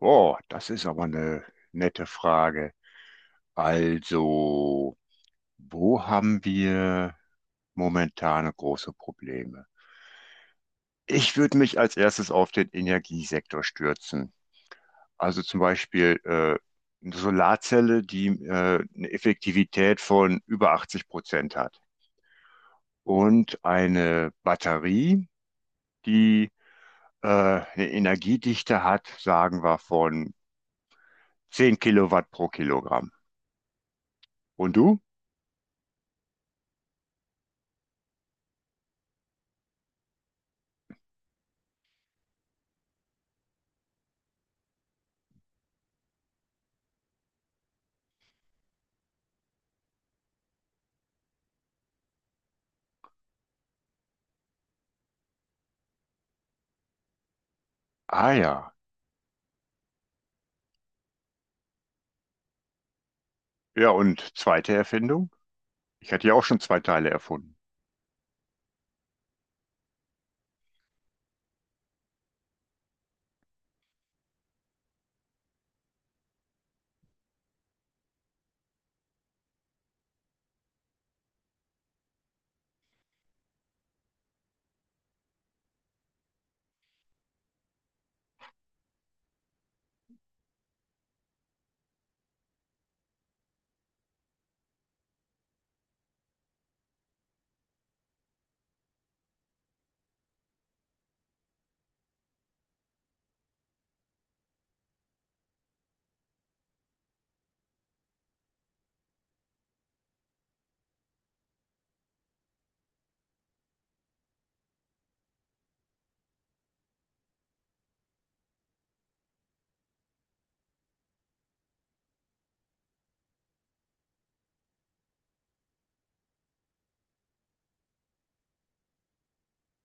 Oh, das ist aber eine nette Frage. Also, wo haben wir momentane große Probleme? Ich würde mich als erstes auf den Energiesektor stürzen. Also zum Beispiel eine Solarzelle, die eine Effektivität von über 80% hat, und eine Batterie, die eine Energiedichte hat, sagen wir, von 10 Kilowatt pro Kilogramm. Und du? Ah ja. Ja, und zweite Erfindung? Ich hatte ja auch schon zwei Teile erfunden.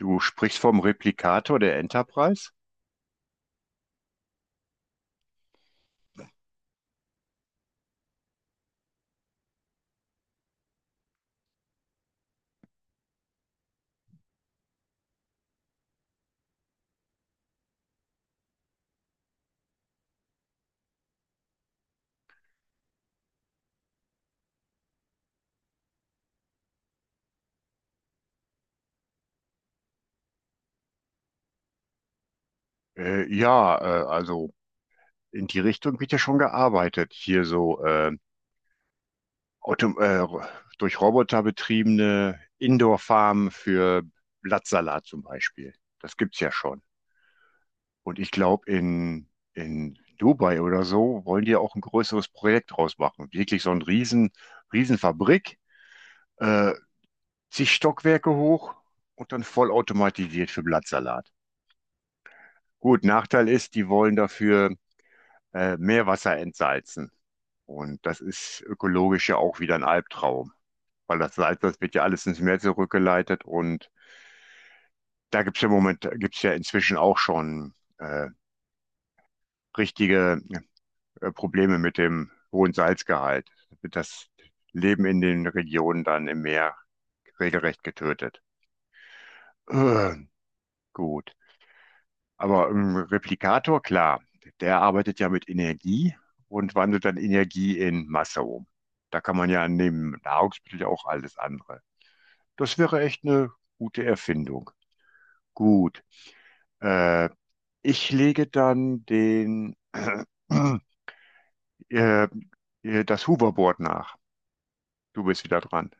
Du sprichst vom Replikator der Enterprise? Ja, also in die Richtung wird ja schon gearbeitet. Hier so Auto, durch Roboter betriebene Indoor-Farmen für Blattsalat zum Beispiel. Das gibt's ja schon. Und ich glaube, in Dubai oder so wollen die ja auch ein größeres Projekt draus machen. Wirklich so ein Riesenfabrik, äh, zig Stockwerke hoch und dann vollautomatisiert für Blattsalat. Gut, Nachteil ist, die wollen dafür Meerwasser entsalzen. Und das ist ökologisch ja auch wieder ein Albtraum, weil das Salz, das wird ja alles ins Meer zurückgeleitet. Und da gibt es ja im Moment, gibt's ja inzwischen auch schon richtige Probleme mit dem hohen Salzgehalt. Wird das Leben in den Regionen dann im Meer regelrecht getötet. Äh, gut. Aber im Replikator, klar, der arbeitet ja mit Energie und wandelt dann Energie in Masse um. Da kann man ja neben Nahrungsmittel ja auch alles andere. Das wäre echt eine gute Erfindung. Gut. Äh, Ich lege dann den, äh, das Hoverboard nach. Du bist wieder dran.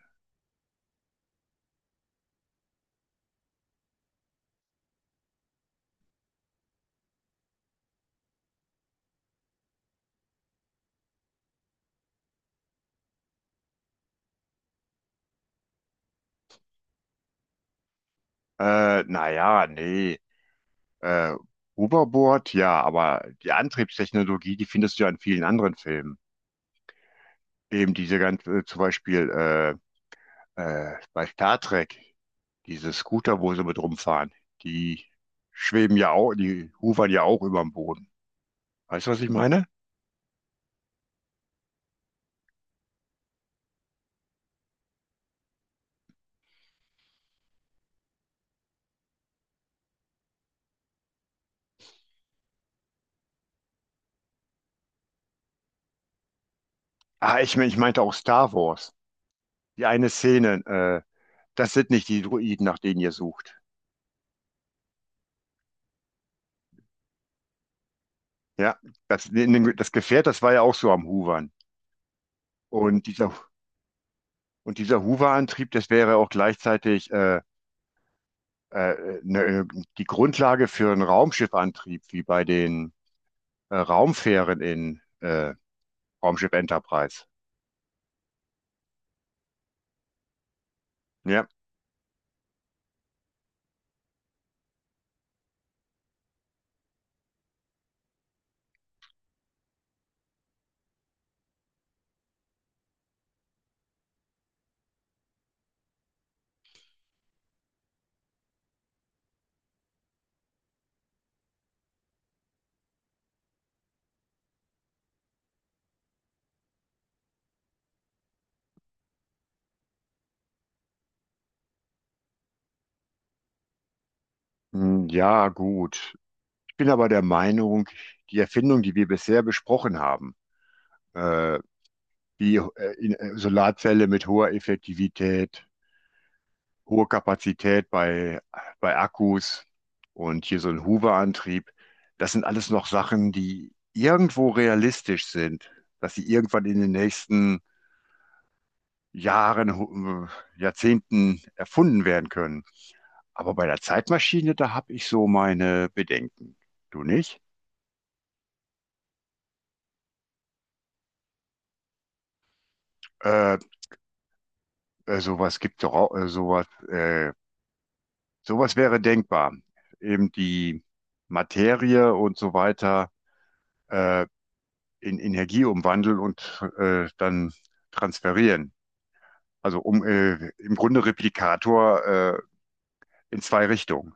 Naja, nee. Äh, Hoverboard, ja, aber die Antriebstechnologie, die findest du ja in vielen anderen Filmen. Eben diese ganze, zum Beispiel bei Star Trek, diese Scooter, wo sie mit rumfahren, die schweben ja auch, die hovern ja auch über dem Boden. Weißt du, was ich meine? Ah, ich meinte auch Star Wars. Die eine Szene, das sind nicht die Droiden, nach denen ihr sucht. Ja, das, das Gefährt, das war ja auch so am Hovern. Und dieser, und dieser Hoverantrieb, das wäre auch gleichzeitig äh, ne, die Grundlage für einen Raumschiffantrieb, wie bei den Raumfähren in Raumschiff Enterprise. Ja, hm, ja, gut. Ich bin aber der Meinung, die Erfindungen, die wir bisher besprochen haben, äh, wie Solarzelle mit hoher Effektivität, hohe Kapazität bei Akkus und hier so ein Hoover-Antrieb, das sind alles noch Sachen, die irgendwo realistisch sind, dass sie irgendwann in den nächsten Jahren, Jahrzehnten erfunden werden können. Aber bei der Zeitmaschine, da habe ich so meine Bedenken. Du nicht? Äh, Sowas gibt doch auch, sowas, sowas wäre denkbar. Eben die Materie und so weiter äh, in Energie umwandeln und dann transferieren. Also um im Grunde Replikator in zwei Richtungen,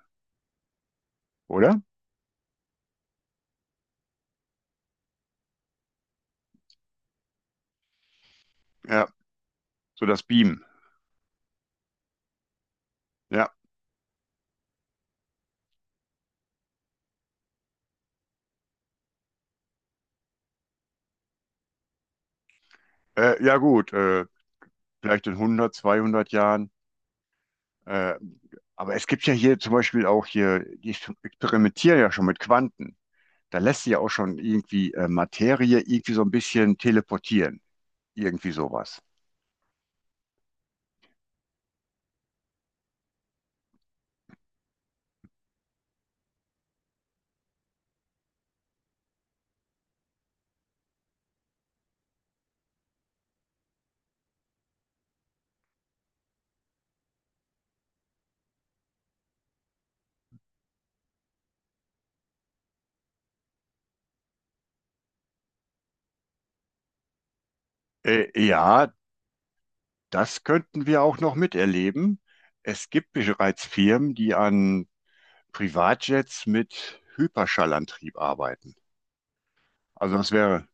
oder? Ja, so das Beam. Ja, ja gut, vielleicht in 100, 200 Jahren. Äh, aber es gibt ja hier zum Beispiel auch hier, die experimentieren ja schon mit Quanten. Da lässt sich ja auch schon irgendwie Materie irgendwie so ein bisschen teleportieren. Irgendwie sowas. Ja, das könnten wir auch noch miterleben. Es gibt bereits Firmen, die an Privatjets mit Hyperschallantrieb arbeiten. Also das wäre,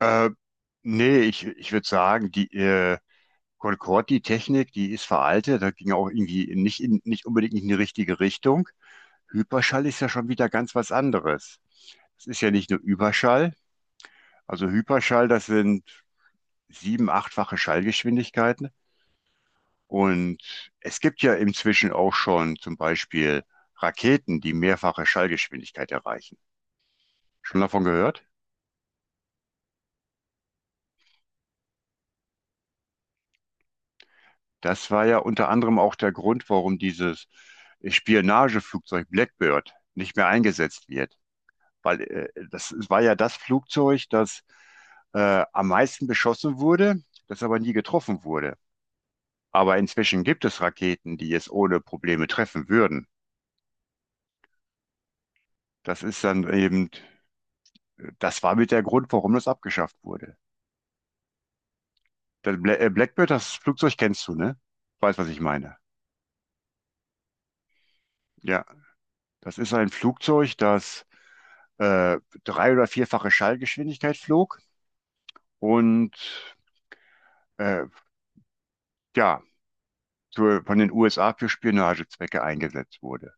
äh, nee, ich würde sagen, die, Concorde, die Technik, die ist veraltet, da ging auch irgendwie nicht, nicht unbedingt in die richtige Richtung. Hyperschall ist ja schon wieder ganz was anderes. Es ist ja nicht nur Überschall. Also Hyperschall, das sind sieben, achtfache Schallgeschwindigkeiten. Und es gibt ja inzwischen auch schon zum Beispiel Raketen, die mehrfache Schallgeschwindigkeit erreichen. Schon davon gehört? Das war ja unter anderem auch der Grund, warum dieses Spionageflugzeug Blackbird nicht mehr eingesetzt wird. Weil das war ja das Flugzeug, das am meisten beschossen wurde, das aber nie getroffen wurde. Aber inzwischen gibt es Raketen, die es ohne Probleme treffen würden. Das ist dann eben, das war mit der Grund, warum das abgeschafft wurde. Das Blackbird, das Flugzeug kennst du, ne? Weißt, was ich meine. Ja, das ist ein Flugzeug, das äh, drei- oder vierfache Schallgeschwindigkeit flog und äh, ja, von den USA für Spionagezwecke eingesetzt wurde.